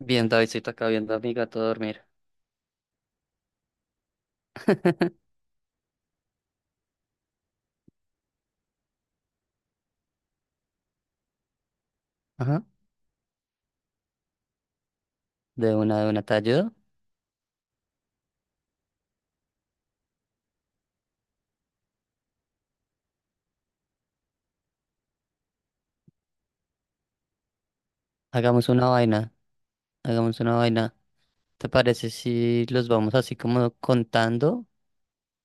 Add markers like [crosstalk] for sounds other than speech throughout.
Bien, Davidcito, acá viendo a mi gato dormir. [laughs] Ajá. De una, ¿te ayudo? Hagamos una vaina, hagamos una vaina. ¿Te parece si los vamos así como contando?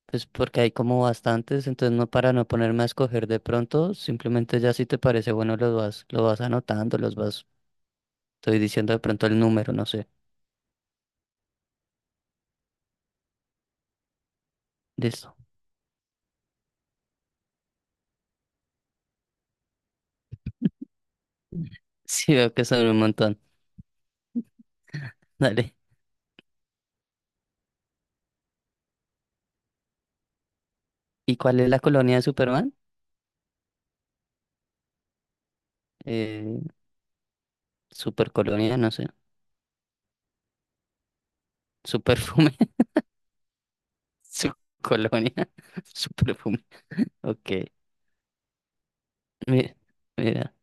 Pues porque hay como bastantes, entonces para no ponerme a escoger de pronto, simplemente ya si te parece bueno los vas, lo vas anotando, los vas, estoy diciendo de pronto el número, no sé. Listo. [laughs] Sí, veo que son un montón. Dale. ¿Y cuál es la colonia de Superman? Eh, supercolonia, no sé. Superfume. Su colonia, [laughs] su perfume. Ok, mira, mira,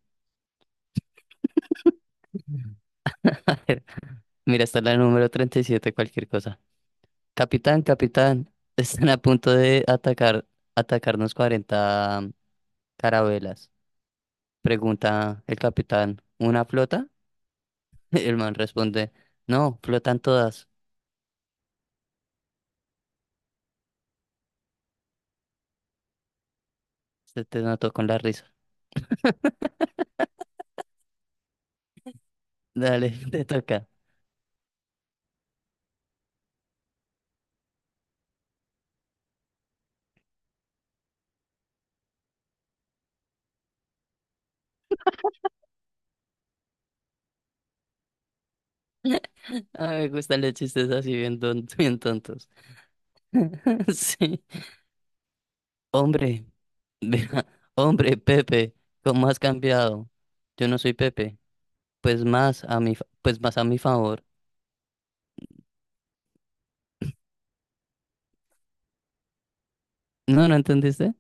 [laughs] a ver, mira, está la número 37, cualquier cosa. Capitán, capitán, [laughs] están a punto de atacarnos 40 carabelas. Pregunta el capitán, ¿una flota? [laughs] El man responde, no, flotan todas. Se te notó con la risa. Dale, [laughs] te toca. Ah, me gustan los chistes así bien, bien tontos. [laughs] Sí. Hombre, mira, [laughs] hombre, Pepe, ¿cómo has cambiado? Yo no soy Pepe, pues más a mi favor. ¿No, no entendiste?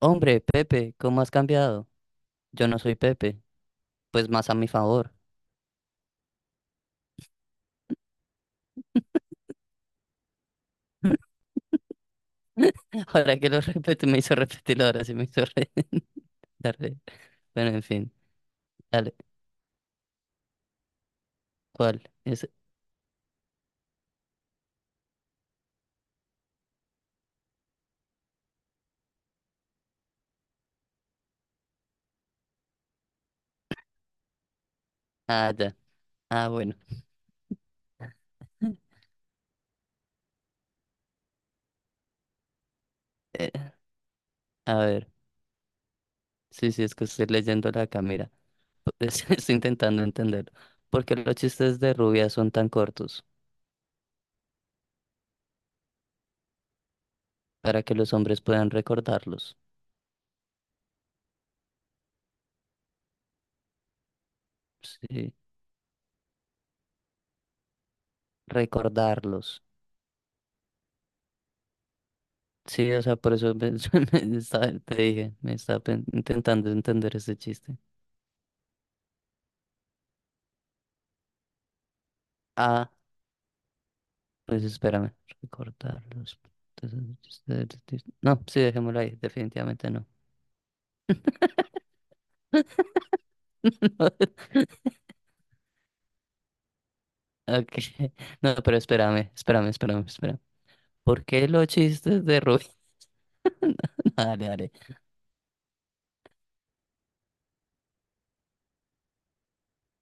Hombre, Pepe, ¿cómo has cambiado? Yo no soy Pepe, pues más a mi favor. [laughs] Ahora que lo repito, me hizo repetirlo, ahora sí me hizo [laughs] dar. Bueno, en fin, dale, ¿cuál? Es. Ah, ya. Ah, bueno. [laughs] Eh, a ver, sí, sí, es que estoy leyendo la cámara. [laughs] Estoy intentando entenderlo. ¿Por qué los chistes de rubia son tan cortos? Para que los hombres puedan recordarlos. Sí, recordarlos. Sí, o sea, por eso [laughs] te dije, me estaba intentando entender ese chiste. Ah, pues espérame, recordarlos. [laughs] Entonces, no, sí, dejémoslo ahí, definitivamente no. [laughs] No, ok, no, pero espérame, espérame, espérame, espérame. ¿Por qué los chistes de Rubén? [laughs] Dale, dale.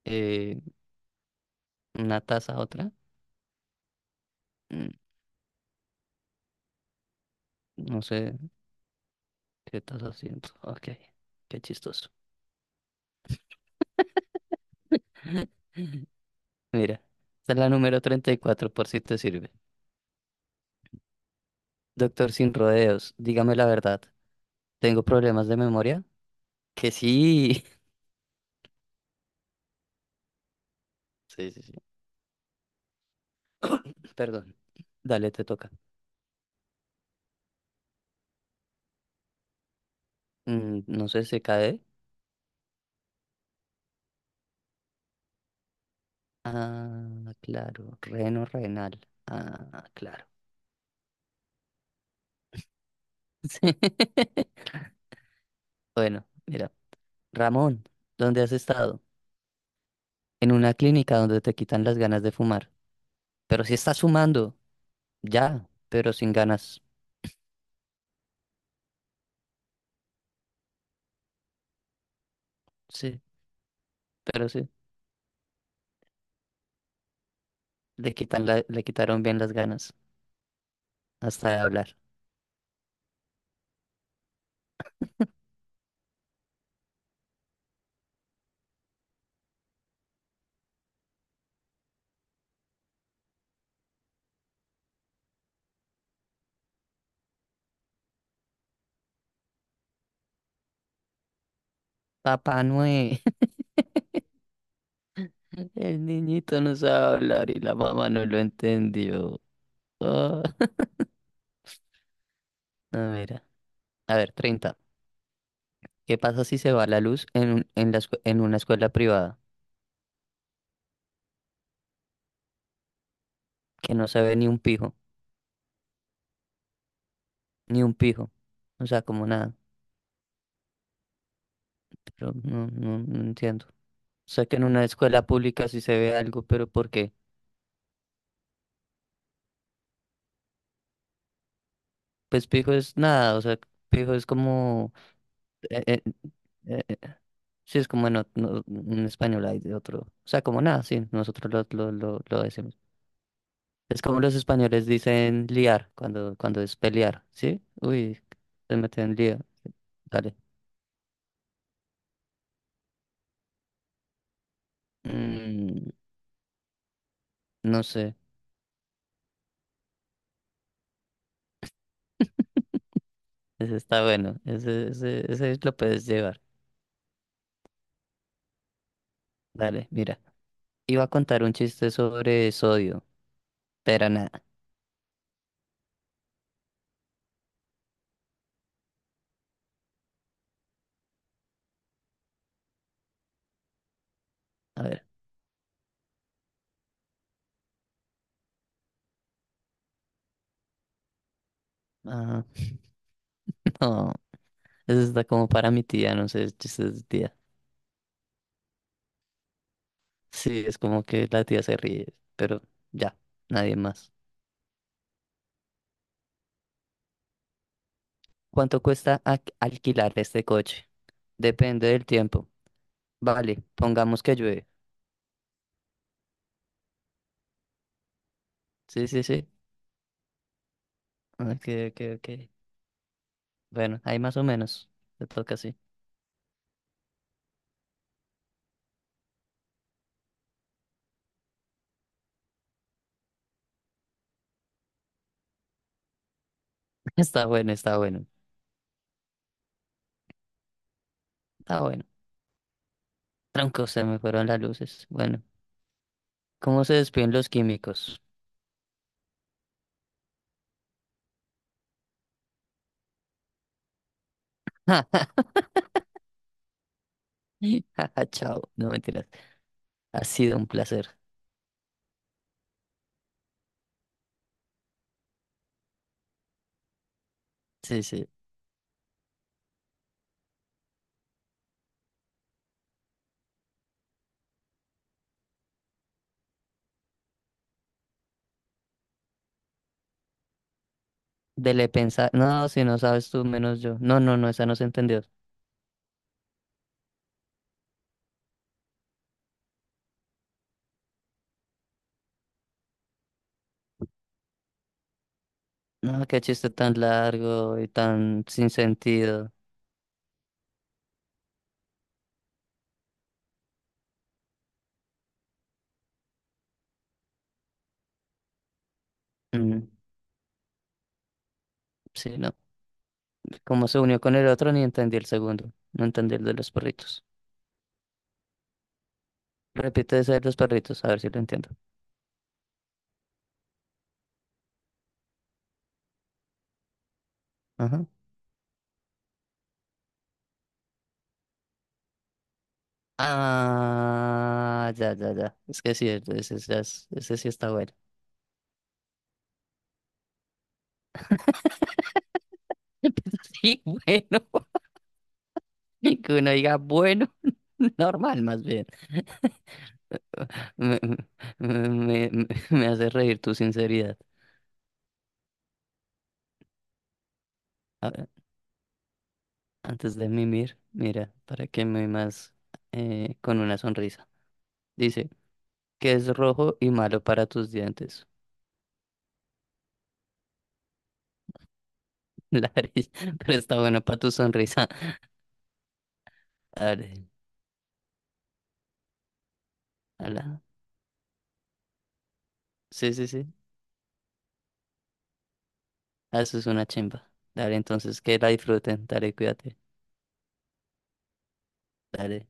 Eh, ¿Una taza a otra? Mm, No sé. ¿Qué estás haciendo? Ok, qué chistoso. [laughs] Mira, esta es la número 34 por si te sirve. Doctor sin rodeos, dígame la verdad. ¿Tengo problemas de memoria? Que sí. [laughs] Sí, sí, sí. Perdón. Dale, te toca. No sé, se cae. Ah, claro. Reno renal. Ah, claro. [laughs] Sí. Bueno, mira. Ramón, ¿dónde has estado? En una clínica donde te quitan las ganas de fumar. Pero si estás fumando. Ya, pero sin ganas. Sí, pero sí. Le quitan le quitaron bien las ganas hasta de hablar. Papá Noé, [laughs] el niñito no sabe hablar y la mamá no lo entendió. Ah, no, mira. A ver, 30. ¿Qué pasa si se va la luz en, en, en una escuela privada? Que no se ve ni un pijo, ni un pijo. O sea, como nada. Pero no, no, no entiendo. O sea, que en una escuela pública sí se ve algo, pero ¿por qué? Pues pijo es nada, o sea, pijo es como. eh, eh, eh, Sí, es como en, en español hay de otro. O sea, como nada, sí, nosotros lo decimos. Es como los españoles dicen liar cuando es pelear, ¿sí? Uy, se meten en lío. Dale. Mm, no sé, ese está bueno. Ese lo puedes llevar. Dale, mira. Iba a contar un chiste sobre sodio, pero nada. A ver. Ah, [laughs] no. Ese está como para mi tía, no sé, chistes de tía. Sí, es como que la tía se ríe, pero ya, nadie más. ¿Cuánto cuesta alquilar este coche? Depende del tiempo. Vale, pongamos que llueve. Sí, sí, sí. Ah, ok, ok, ok. Bueno, ahí más o menos. Te toca así. [laughs] Está bueno, está bueno. Está bueno. Tronco, se me fueron las luces. Bueno, ¿cómo se despiden los químicos? [laughs] Jaja, chao. No mentiras. Ha sido un placer. Sí, sí. Dele pensar. No, si no sabes tú, menos yo. No, no, no, esa no se entendió. No, qué chiste tan largo y tan sin sentido. Mm, sí, no. Como se unió con el otro, ni entendí el segundo. No entendí el de los perritos. Repite ese de los perritos, a ver si lo entiendo. Ajá. Ah, ya, ya, ya. Es que sí, ese, ese sí está bueno. [laughs] Sí, bueno. [laughs] Que uno diga bueno, [laughs] normal más bien. [laughs] Me, me hace reír tu sinceridad. A ver, antes de mimir, mira, para que me más con una sonrisa. Dice, que es rojo y malo para tus dientes. La nariz, [laughs] pero está bueno para tu sonrisa. A ver, ala. Sí, sí, sí. Ah, eso es una chimba. Dale, entonces que la disfruten. Dale, cuídate. Dale.